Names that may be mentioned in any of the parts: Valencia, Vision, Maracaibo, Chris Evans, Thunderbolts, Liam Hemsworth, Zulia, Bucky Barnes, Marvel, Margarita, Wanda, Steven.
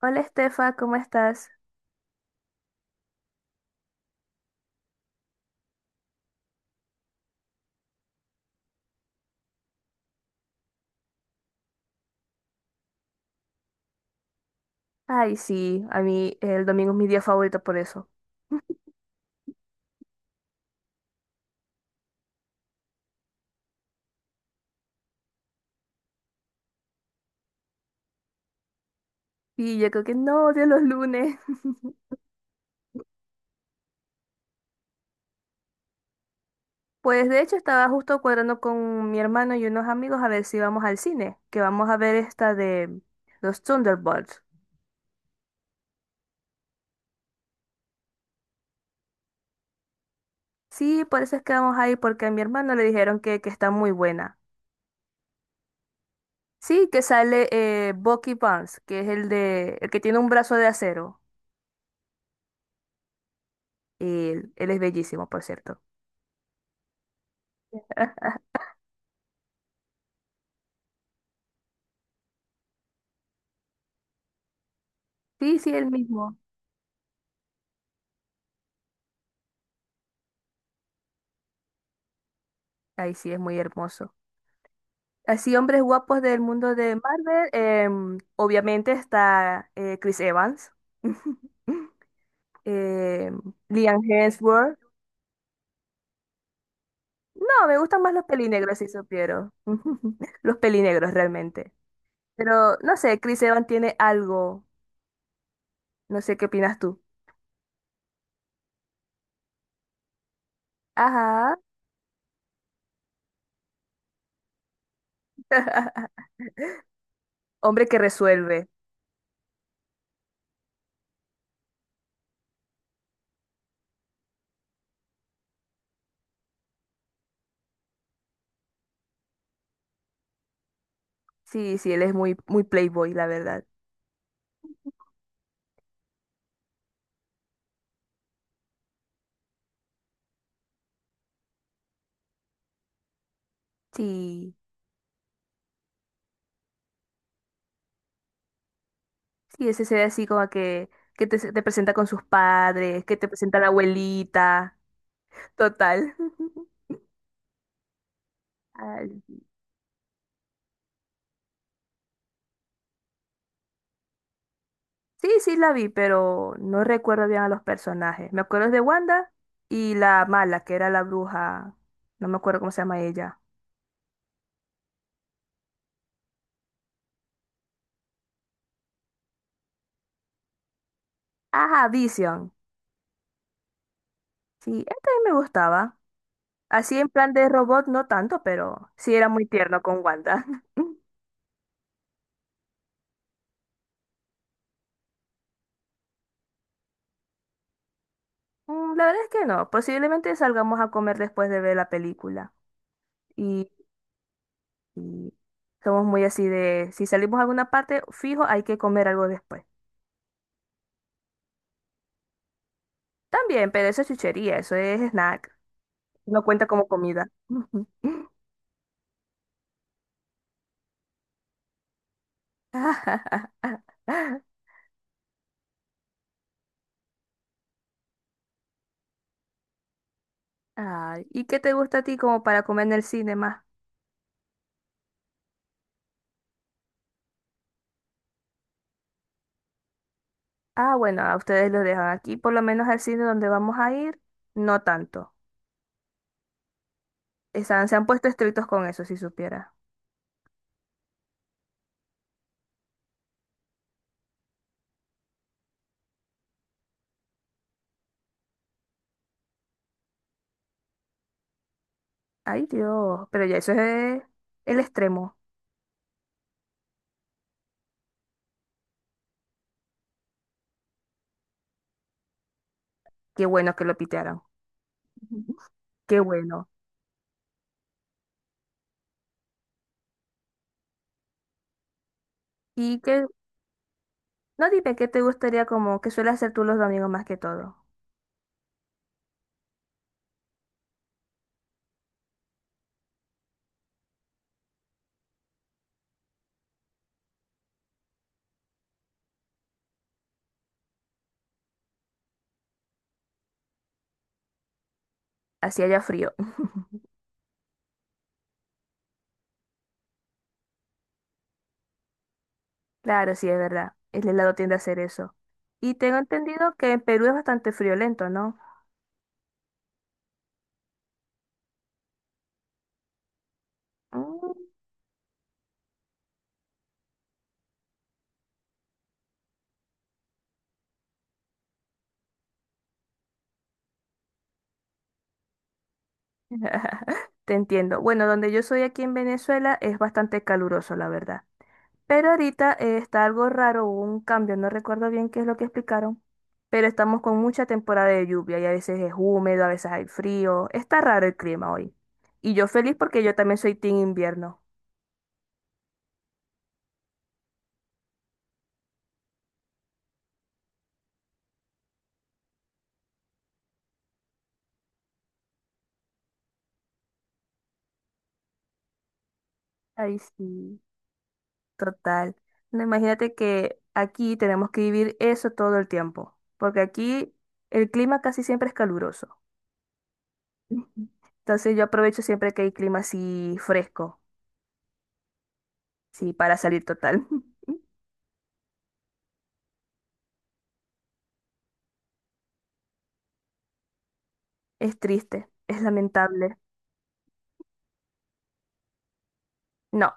Hola Estefa, ¿cómo estás? Ay, sí, a mí el domingo es mi día favorito por eso. Y yo creo que no odio los lunes. Pues de hecho estaba justo cuadrando con mi hermano y unos amigos a ver si vamos al cine, que vamos a ver esta de los Thunderbolts. Sí, por eso es que vamos a ir, porque a mi hermano le dijeron que está muy buena. Sí, que sale Bucky Barnes, que es el de el que tiene un brazo de acero. Y él es bellísimo, por cierto. Sí, sí, él mismo. Ay, sí, es muy hermoso. Así, hombres guapos del mundo de Marvel. Obviamente está Chris Evans. em, Liam Hemsworth. No, me gustan más los pelinegros, si supieron. Los pelinegros, realmente. Pero, no sé, Chris Evans tiene algo. No sé qué opinas tú. Ajá. Hombre que resuelve. Sí, sí, él es muy, muy playboy, la verdad. Sí, sí, ese se ve así como que te, te presenta con sus padres, que te presenta a la abuelita. Total. Ay, sí, sí, la vi, pero no recuerdo bien a los personajes. Me acuerdo de Wanda y la mala, que era la bruja. No me acuerdo cómo se llama ella. Ajá, Vision. Sí, esta también me gustaba. Así en plan de robot, no tanto, pero sí era muy tierno con Wanda. Mm, la verdad es que no. Posiblemente salgamos a comer después de ver la película. Y, y somos muy así de, si salimos a alguna parte, fijo, hay que comer algo después. También, pero eso es chuchería, eso es snack. No cuenta como comida. Ay, ¿y qué te gusta a ti como para comer en el cine más? Ah, bueno, a ustedes los dejan aquí, por lo menos al cine donde vamos a ir, no tanto. Están, se han puesto estrictos con eso, si supiera. Ay, Dios, pero ya eso es el extremo. Qué bueno que lo pitearon. Qué bueno. Y que, no, dime qué te gustaría como que suele hacer tú los domingos más que todo. Así haya frío. Claro, sí, es verdad. El helado tiende a hacer eso. Y tengo entendido que en Perú es bastante friolento, ¿no? Mm. Te entiendo. Bueno, donde yo soy aquí en Venezuela es bastante caluroso, la verdad. Pero ahorita está algo raro, hubo un cambio, no recuerdo bien qué es lo que explicaron, pero estamos con mucha temporada de lluvia y a veces es húmedo, a veces hay frío, está raro el clima hoy. Y yo feliz porque yo también soy team invierno. Ay, sí, total. No, imagínate que aquí tenemos que vivir eso todo el tiempo, porque aquí el clima casi siempre es caluroso. Ujú. Entonces yo aprovecho siempre que hay clima así fresco, sí, para salir total. Es triste, es lamentable. No.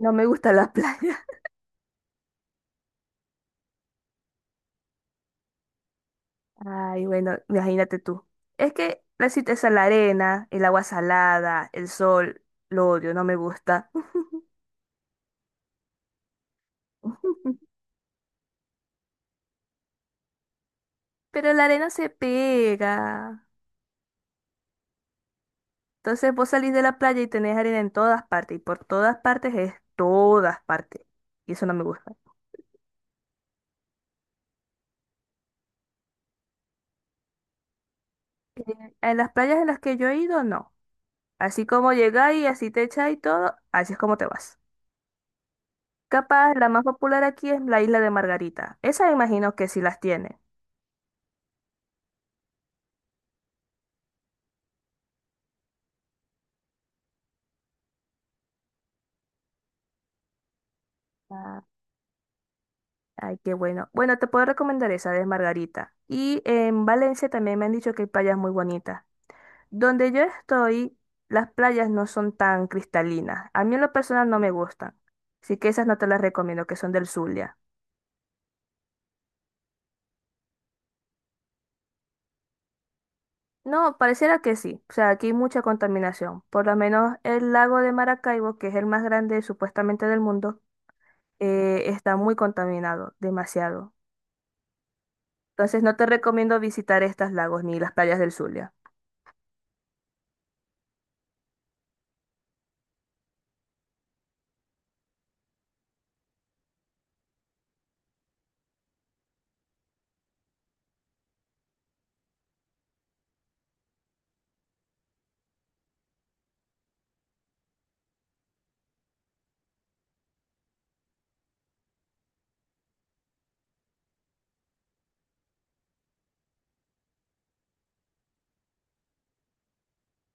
No me gusta la playa. Ay, bueno, imagínate tú. Es que la cita es a la arena, el agua salada, el sol, lo odio, no me gusta. Pero la arena se pega. Entonces vos salís de la playa y tenés arena en todas partes. Y por todas partes es todas partes. Y eso no me gusta. En las playas en las que yo he ido, no. Así como llegáis, y así te echáis y todo, así es como te vas. Capaz, la más popular aquí es la isla de Margarita. Esa imagino que sí las tiene. Ay, qué bueno. Bueno, te puedo recomendar esa de Margarita. Y en Valencia también me han dicho que hay playas muy bonitas. Donde yo estoy, las playas no son tan cristalinas. A mí en lo personal no me gustan. Así que esas no te las recomiendo, que son del Zulia. No, pareciera que sí. O sea, aquí hay mucha contaminación. Por lo menos el lago de Maracaibo, que es el más grande supuestamente del mundo, está muy contaminado, demasiado. Entonces no te recomiendo visitar estos lagos ni las playas del Zulia.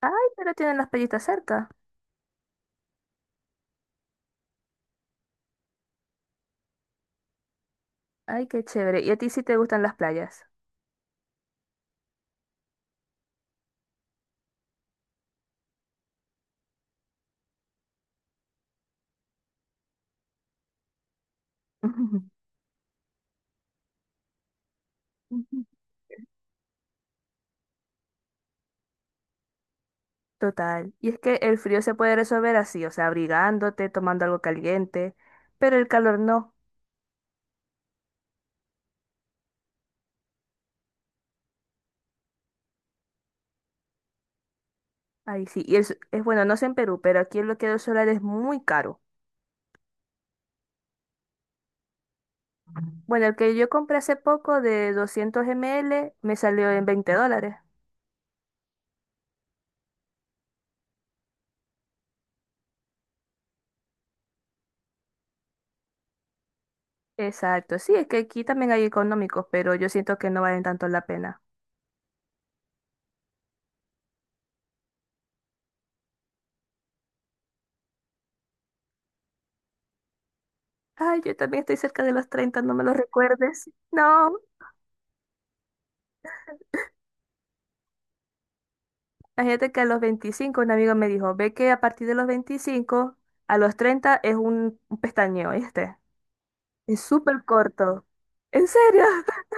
Ay, pero tienen las playitas cerca. Ay, qué chévere. ¿Y a ti sí te gustan las playas? Total. Y es que el frío se puede resolver así, o sea, abrigándote, tomando algo caliente, pero el calor no. Ahí sí. Y es bueno, no sé en Perú, pero aquí el bloqueador solar es muy caro. Bueno, el que yo compré hace poco de 200 ml me salió en 20 dólares. Exacto. Sí, es que aquí también hay económicos, pero yo siento que no valen tanto la pena. Ay, yo también estoy cerca de los 30. No me lo recuerdes. No. Imagínate que a los 25 un amigo me dijo, ve que a partir de los 25, a los 30 es un pestañeo, este. Es súper corto. ¿En serio?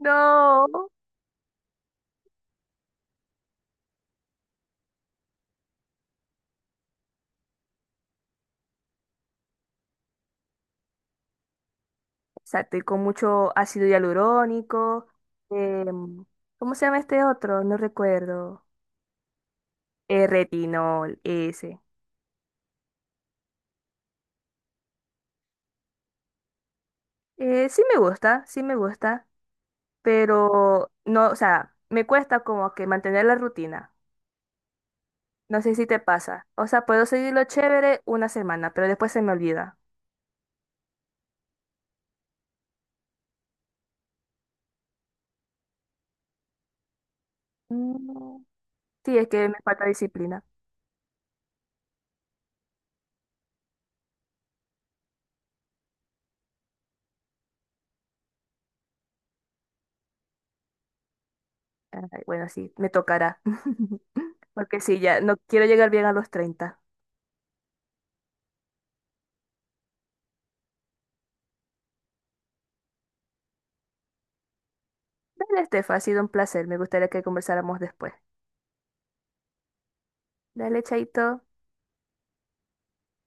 No. Exacto, y con mucho ácido hialurónico. Em, ¿cómo se llama este otro? No recuerdo. Retinol, ese. Sí me gusta, pero no, o sea, me cuesta como que mantener la rutina. No sé si te pasa. O sea, puedo seguirlo chévere una semana, pero después se me olvida. Mm, sí, es que me falta disciplina. Ay, bueno, sí, me tocará. Porque sí, ya no quiero llegar bien a los 30. Dale, Estefa, ha sido un placer. Me gustaría que conversáramos después. Dale, chaito.